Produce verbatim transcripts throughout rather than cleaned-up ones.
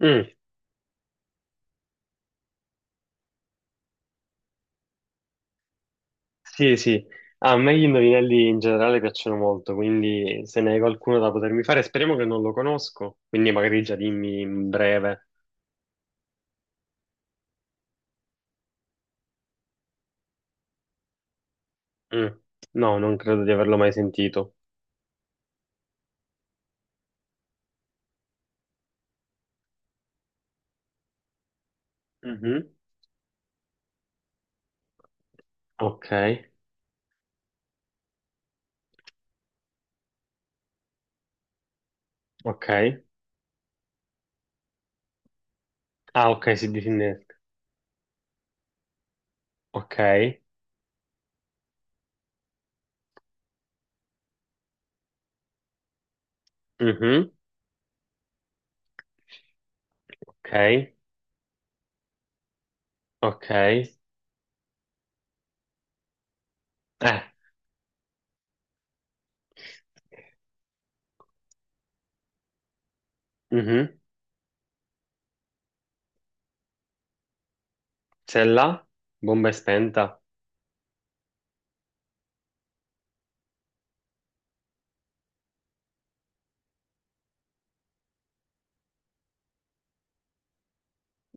Mm, sì, sì. Ah, a me gli indovinelli in generale piacciono molto, quindi se ne hai qualcuno da potermi fare, speriamo che non lo conosco, quindi magari già dimmi in breve. Mm, no, non credo di averlo mai sentito. Mhm, ok, ok. Ah, ok, si disinnesca. Ok, mhm, ok, ok. Eh, mhm. Se la bomba è spenta.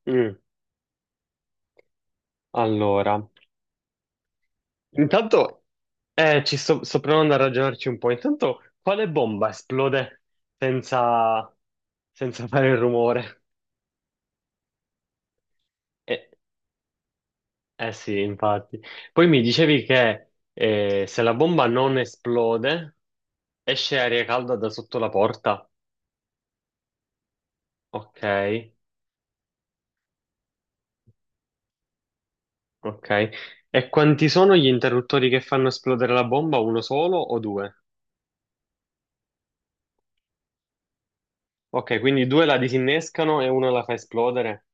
Mm, allora. Intanto, eh, ci sto, sto provando a ragionarci un po'. Intanto, quale bomba esplode senza, senza fare il rumore? Eh, eh sì, infatti. Poi mi dicevi che eh, se la bomba non esplode, esce aria calda da sotto la porta. Ok, ok. E quanti sono gli interruttori che fanno esplodere la bomba? Uno solo o due? Ok, quindi due la disinnescano e uno la fa esplodere.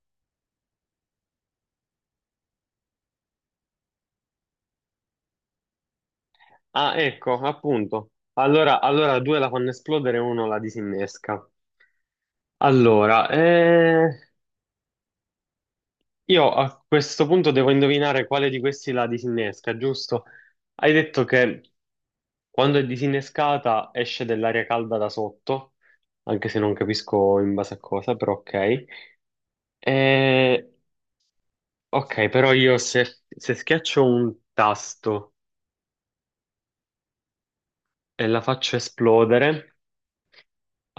Ah, ecco, appunto. Allora, allora due la fanno esplodere e uno la disinnesca. Allora, eh, io a questo punto devo indovinare quale di questi la disinnesca, giusto? Hai detto che quando è disinnescata esce dell'aria calda da sotto, anche se non capisco in base a cosa, però ok. Eh, ok, però io se, se schiaccio un tasto e la faccio esplodere,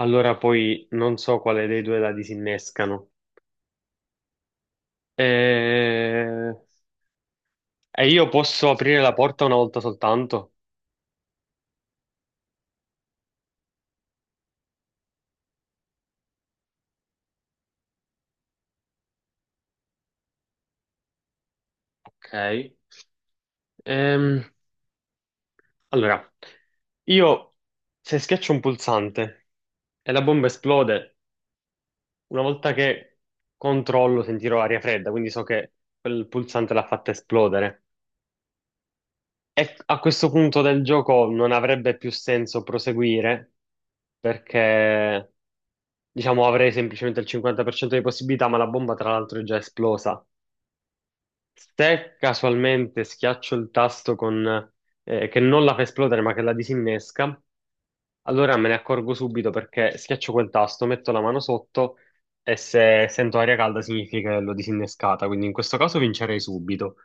allora poi non so quale dei due la disinnescano. Eh, E io posso aprire la porta una volta soltanto. Ok. Ehm, allora, io se schiaccio un pulsante e la bomba esplode, una volta che controllo sentirò aria fredda, quindi so che quel pulsante l'ha fatta esplodere. E a questo punto del gioco non avrebbe più senso proseguire perché, diciamo, avrei semplicemente il cinquanta per cento di possibilità, ma la bomba tra l'altro è già esplosa. Se casualmente schiaccio il tasto con, eh, che non la fa esplodere ma che la disinnesca, allora me ne accorgo subito perché schiaccio quel tasto, metto la mano sotto e se sento aria calda significa che l'ho disinnescata, quindi in questo caso vincerei subito.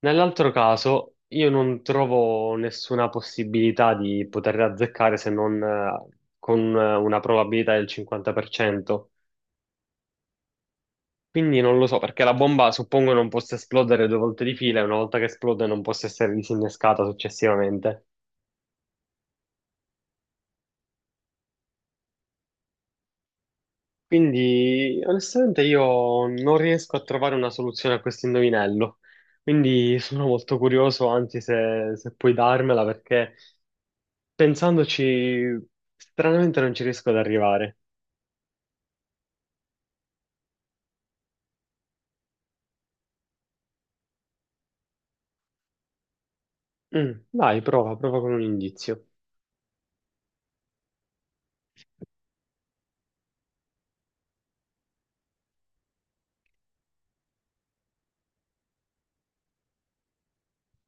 Nell'altro caso io non trovo nessuna possibilità di poter azzeccare se non eh, con eh, una probabilità del cinquanta per cento. Quindi non lo so, perché la bomba suppongo non possa esplodere due volte di fila e una volta che esplode non possa essere disinnescata successivamente. Quindi onestamente io non riesco a trovare una soluzione a questo indovinello. Quindi sono molto curioso, anzi se, se puoi darmela, perché pensandoci stranamente non ci riesco ad arrivare. Mm, vai, prova, prova con un indizio.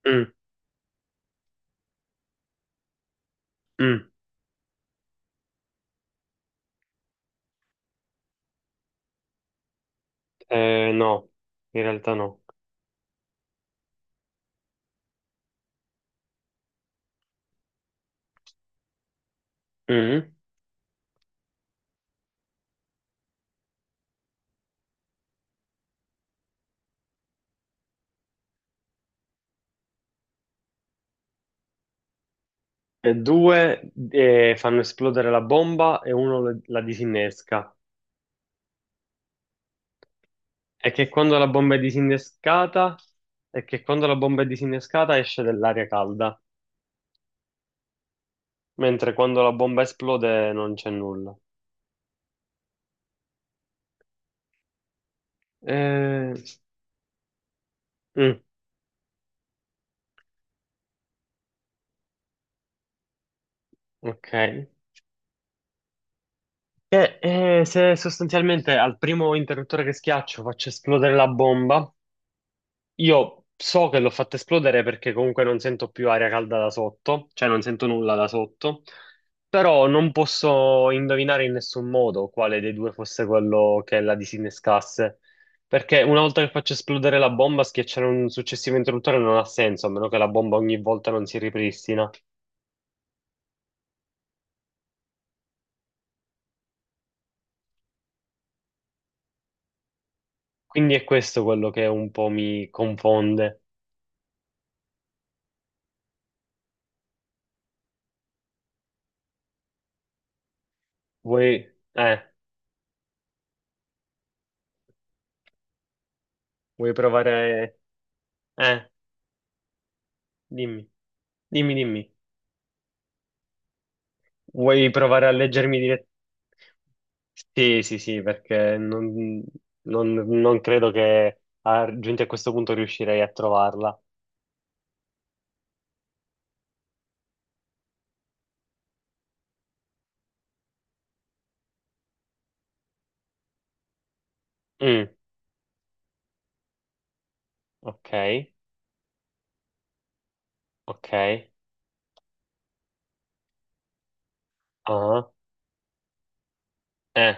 Mm, mm. Eh, no, in realtà no. Mm. E due eh, fanno esplodere la bomba e uno le- la disinnesca. E che quando la bomba è disinnescata, È che quando la bomba è disinnescata esce dell'aria calda, mentre quando la bomba esplode non c'è nulla. Eh, mm, ok. Eh, eh, se sostanzialmente al primo interruttore che schiaccio faccio esplodere la bomba, io so che l'ho fatta esplodere perché comunque non sento più aria calda da sotto, cioè non sento nulla da sotto, però non posso indovinare in nessun modo quale dei due fosse quello che la disinnescasse, perché una volta che faccio esplodere la bomba, schiacciare un successivo interruttore non ha senso, a meno che la bomba ogni volta non si ripristina. Quindi è questo quello che un po' mi confonde. Vuoi, eh, Vuoi provare? Eh, Dimmi, dimmi, dimmi. Vuoi provare a leggermi direttamente? Sì, sì, sì, perché non, non- non credo che ah, giunti a questo punto riuscirei a trovarla. Mm, ok, ok. Ah, eh,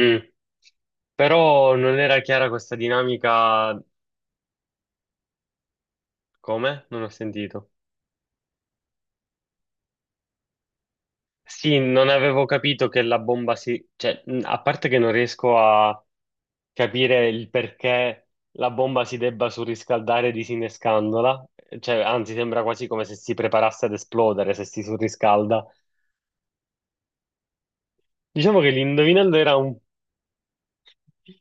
mm. Però non era chiara questa dinamica. Come? Non ho sentito. Sì, non avevo capito che la bomba si, cioè, mh, a parte che non riesco a capire il perché la bomba si debba surriscaldare disinnescandola, cioè, anzi, sembra quasi come se si preparasse ad esplodere se si surriscalda. Diciamo che l'indovinello era un.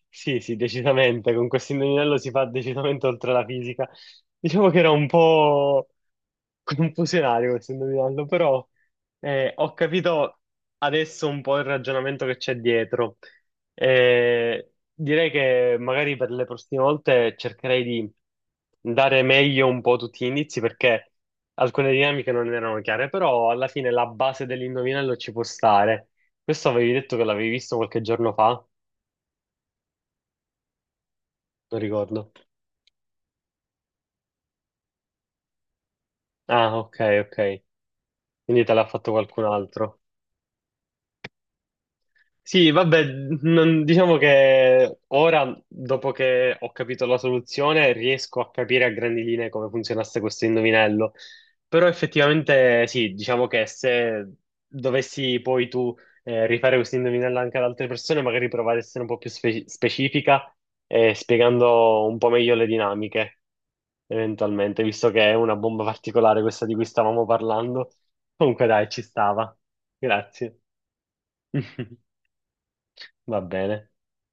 Sì, sì, decisamente, con questo indovinello si fa decisamente oltre la fisica. Diciamo che era un po' confusionario questo indovinello, però eh, ho capito adesso un po' il ragionamento che c'è dietro. Eh, direi che magari per le prossime volte cercherei di dare meglio un po' tutti gli indizi perché alcune dinamiche non erano chiare, però alla fine la base dell'indovinello ci può stare. Questo avevi detto che l'avevi visto qualche giorno fa, non ricordo. Ah, ok, ok. Quindi te l'ha fatto qualcun altro. Sì, vabbè, non- diciamo che ora, dopo che ho capito la soluzione, riesco a capire a grandi linee come funzionasse questo indovinello. Però effettivamente sì, diciamo che se dovessi poi tu eh, rifare questo indovinello anche ad altre persone, magari provare ad essere un po' più spe- specifica, eh, spiegando un po' meglio le dinamiche, eventualmente, visto che è una bomba particolare questa di cui stavamo parlando. Comunque dai, ci stava. Grazie. Va bene.